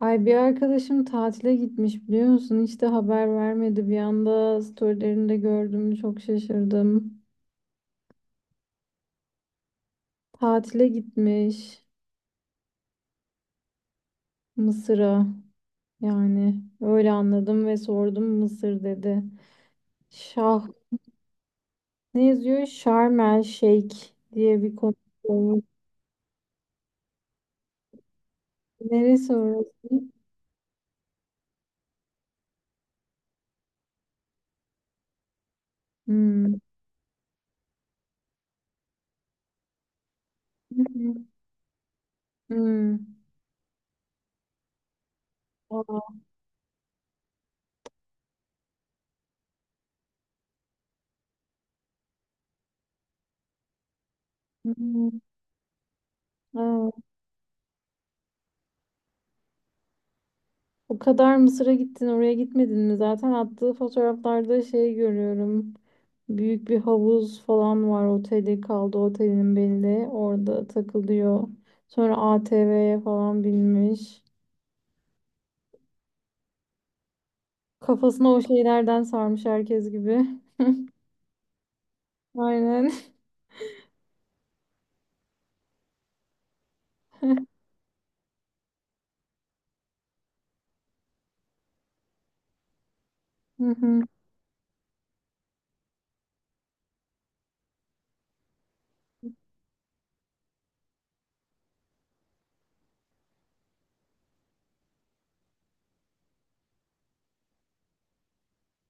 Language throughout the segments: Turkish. Ay, bir arkadaşım tatile gitmiş, biliyor musun? Hiç de haber vermedi. Bir anda storylerinde gördüm. Çok şaşırdım. Tatile gitmiş Mısır'a. Yani öyle anladım ve sordum, Mısır dedi. Şah ne yazıyor? Şarm El Şeyh diye bir konu olmuş. Neresi orası? Hmm. Hmm. Hmm. Aa. Hmm. Aa. O kadar Mısır'a gittin, oraya gitmedin mi? Zaten attığı fotoğraflarda şey görüyorum. Büyük bir havuz falan var. Oteli kaldı, otelin belli. Orada takılıyor. Sonra ATV'ye falan binmiş. Kafasına o şeylerden sarmış herkes gibi. Aynen. Hı hı.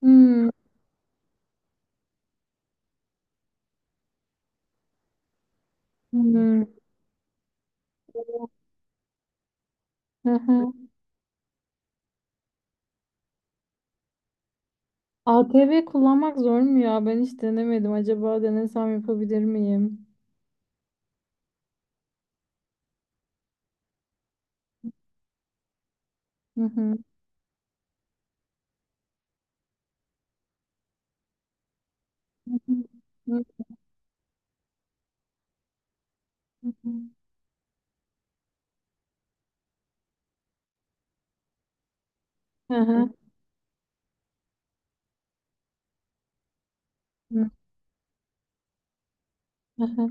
Hmm, hı hı, hı. ATV kullanmak zor mu ya? Ben hiç denemedim. Acaba denesem yapabilir miyim? Hı hı. Hı hı. Hı hı. Hı hı. Hı hı.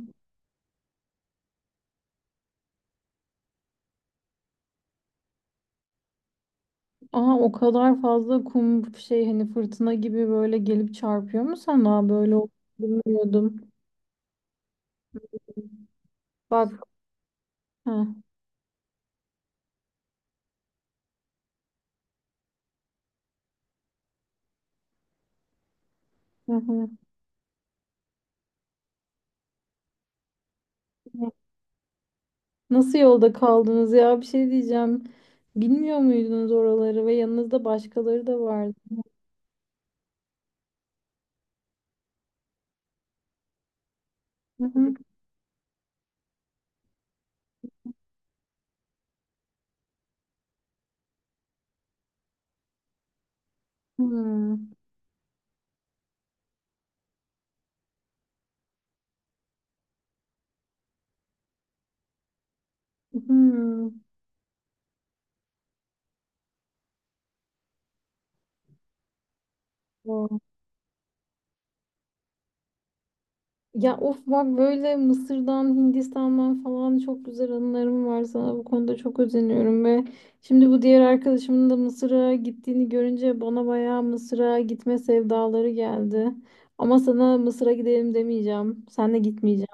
Aa, o kadar fazla kum şey, hani fırtına gibi böyle gelip çarpıyor mu sana? Böyle olduğunu bilmiyordum. Bak. Ha. Hı hı. Nasıl yolda kaldınız ya? Bir şey diyeceğim. Bilmiyor muydunuz oraları ve yanınızda başkaları da vardı? Hı hı. Hı hı. Ya of, bak böyle Mısır'dan, Hindistan'dan falan çok güzel anılarım var sana. Bu konuda çok özeniyorum ve şimdi bu diğer arkadaşımın da Mısır'a gittiğini görünce bana bayağı Mısır'a gitme sevdaları geldi. Ama sana Mısır'a gidelim demeyeceğim. Sen de gitmeyeceğim.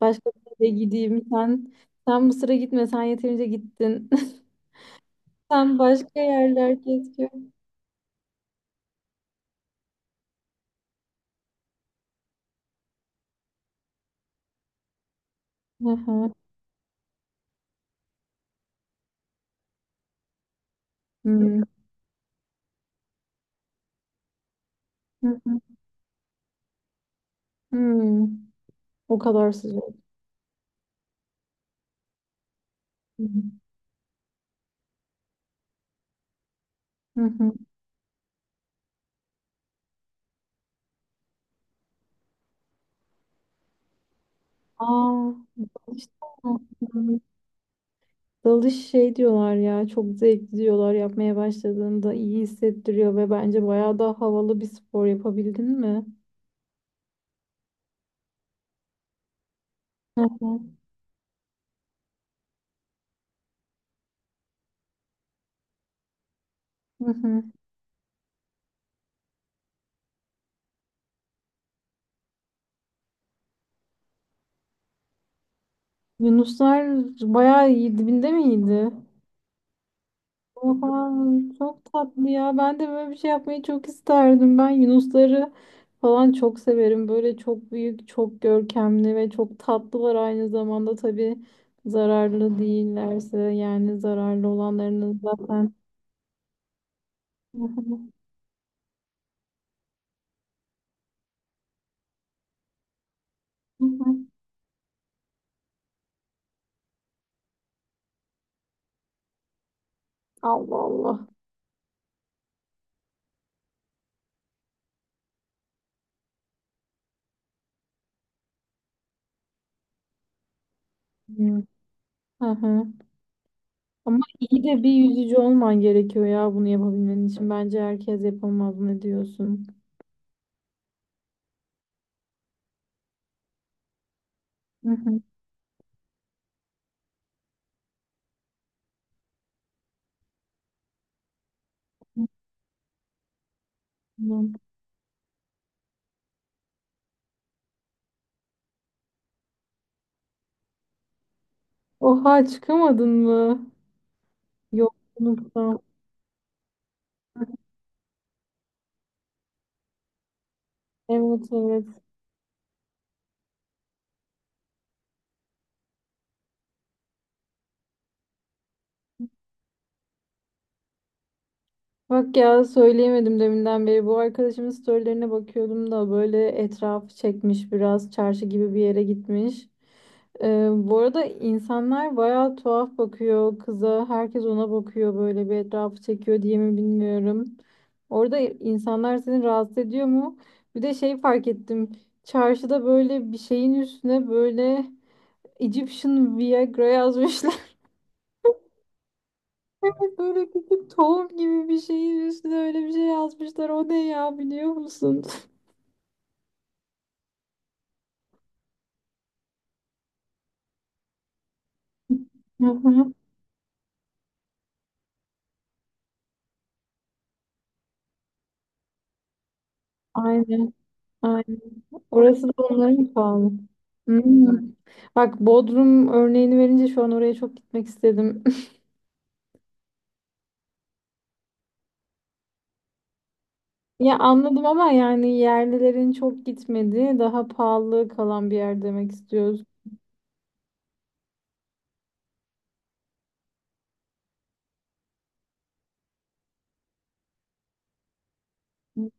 Başka bir yere gideyim. Sen, sen Mısır'a gitme. Sen yeterince gittin. Sen başka yerler keşke. Hı hı. Hmm. Hı hı. Hmm. O kadar sıcak. Hı hı. Hı hı. Aa, dalış, dalış şey diyorlar ya, çok zevkli diyorlar, yapmaya başladığında iyi hissettiriyor ve bence bayağı daha havalı bir spor. Yapabildin mi? Hı hı. Hı hı. Yunuslar bayağı iyi dibinde miydi? Oha, çok tatlı ya. Ben de böyle bir şey yapmayı çok isterdim. Ben yunusları falan çok severim. Böyle çok büyük, çok görkemli ve çok tatlılar aynı zamanda. Tabii zararlı değillerse, yani zararlı olanlarının zaten. Hı hı, hı hı. Allah Allah. Hmm, hı hı. Ama iyi de bir yüzücü olman gerekiyor ya bunu yapabilmen için. Bence herkes yapamaz. Ne diyorsun? Hı hı. Tamam. Oha, çıkamadın mı? Yok. Evet, evet. Bak ya, söyleyemedim deminden beri. Bu arkadaşımın storylerine bakıyordum da, böyle etrafı çekmiş, biraz çarşı gibi bir yere gitmiş. Bu arada insanlar bayağı tuhaf bakıyor kıza. Herkes ona bakıyor, böyle bir etrafı çekiyor diye mi bilmiyorum. Orada insanlar seni rahatsız ediyor mu? Bir de şey fark ettim. Çarşıda böyle bir şeyin üstüne böyle Egyptian Viagra yazmışlar. Böyle küçük tohum gibi bir şeyin üstüne öyle bir şey yazmışlar. O ne ya, biliyor musun? Hı hı. Aynen. Aynen. Orası da onların pahalı. Hmm. Bak, Bodrum örneğini verince şu an oraya çok gitmek istedim. Ya anladım, ama yani yerlilerin çok gitmediği, daha pahalı kalan bir yer demek istiyoruz. Hı.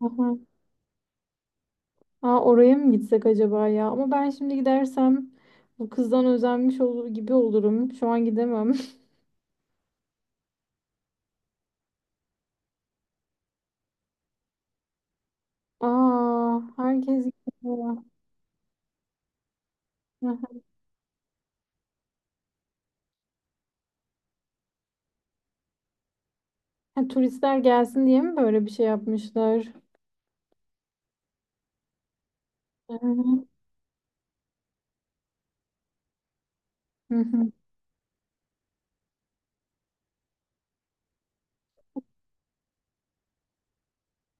Hı hı. Aa, oraya mı gitsek acaba ya? Ama ben şimdi gidersem bu kızdan özenmiş olur gibi olurum. Şu an gidemem. Aa, herkes gidiyor. Hı hı. Ha, turistler gelsin diye mi böyle bir şey yapmışlar? Hı hı. Hı hı.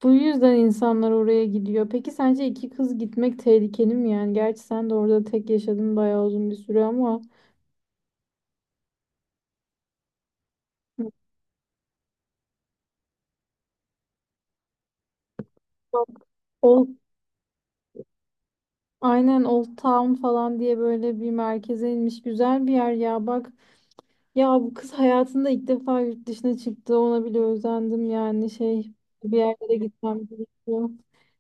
Bu yüzden insanlar oraya gidiyor. Peki sence iki kız gitmek tehlikeli mi yani? Gerçi sen de orada tek yaşadın bayağı uzun bir süre ama... Bak, Old, aynen Old Town falan diye böyle bir merkeze inmiş, güzel bir yer ya, bak. Ya bu kız hayatında ilk defa yurt dışına çıktı. Ona bile özendim, yani şey, bir yerlere gitmem gerekiyor.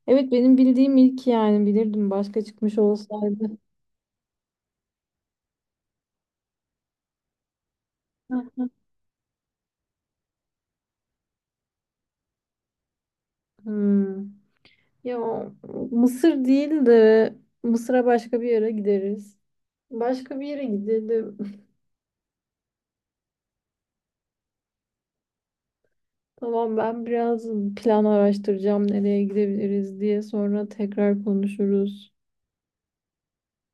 Evet, benim bildiğim ilk, yani bilirdim başka çıkmış olsaydı. Heh. Hmm. Ya Mısır değil de, Mısır'a başka bir yere gideriz. Başka bir yere gidelim. Tamam, ben biraz plan araştıracağım nereye gidebiliriz diye, sonra tekrar konuşuruz.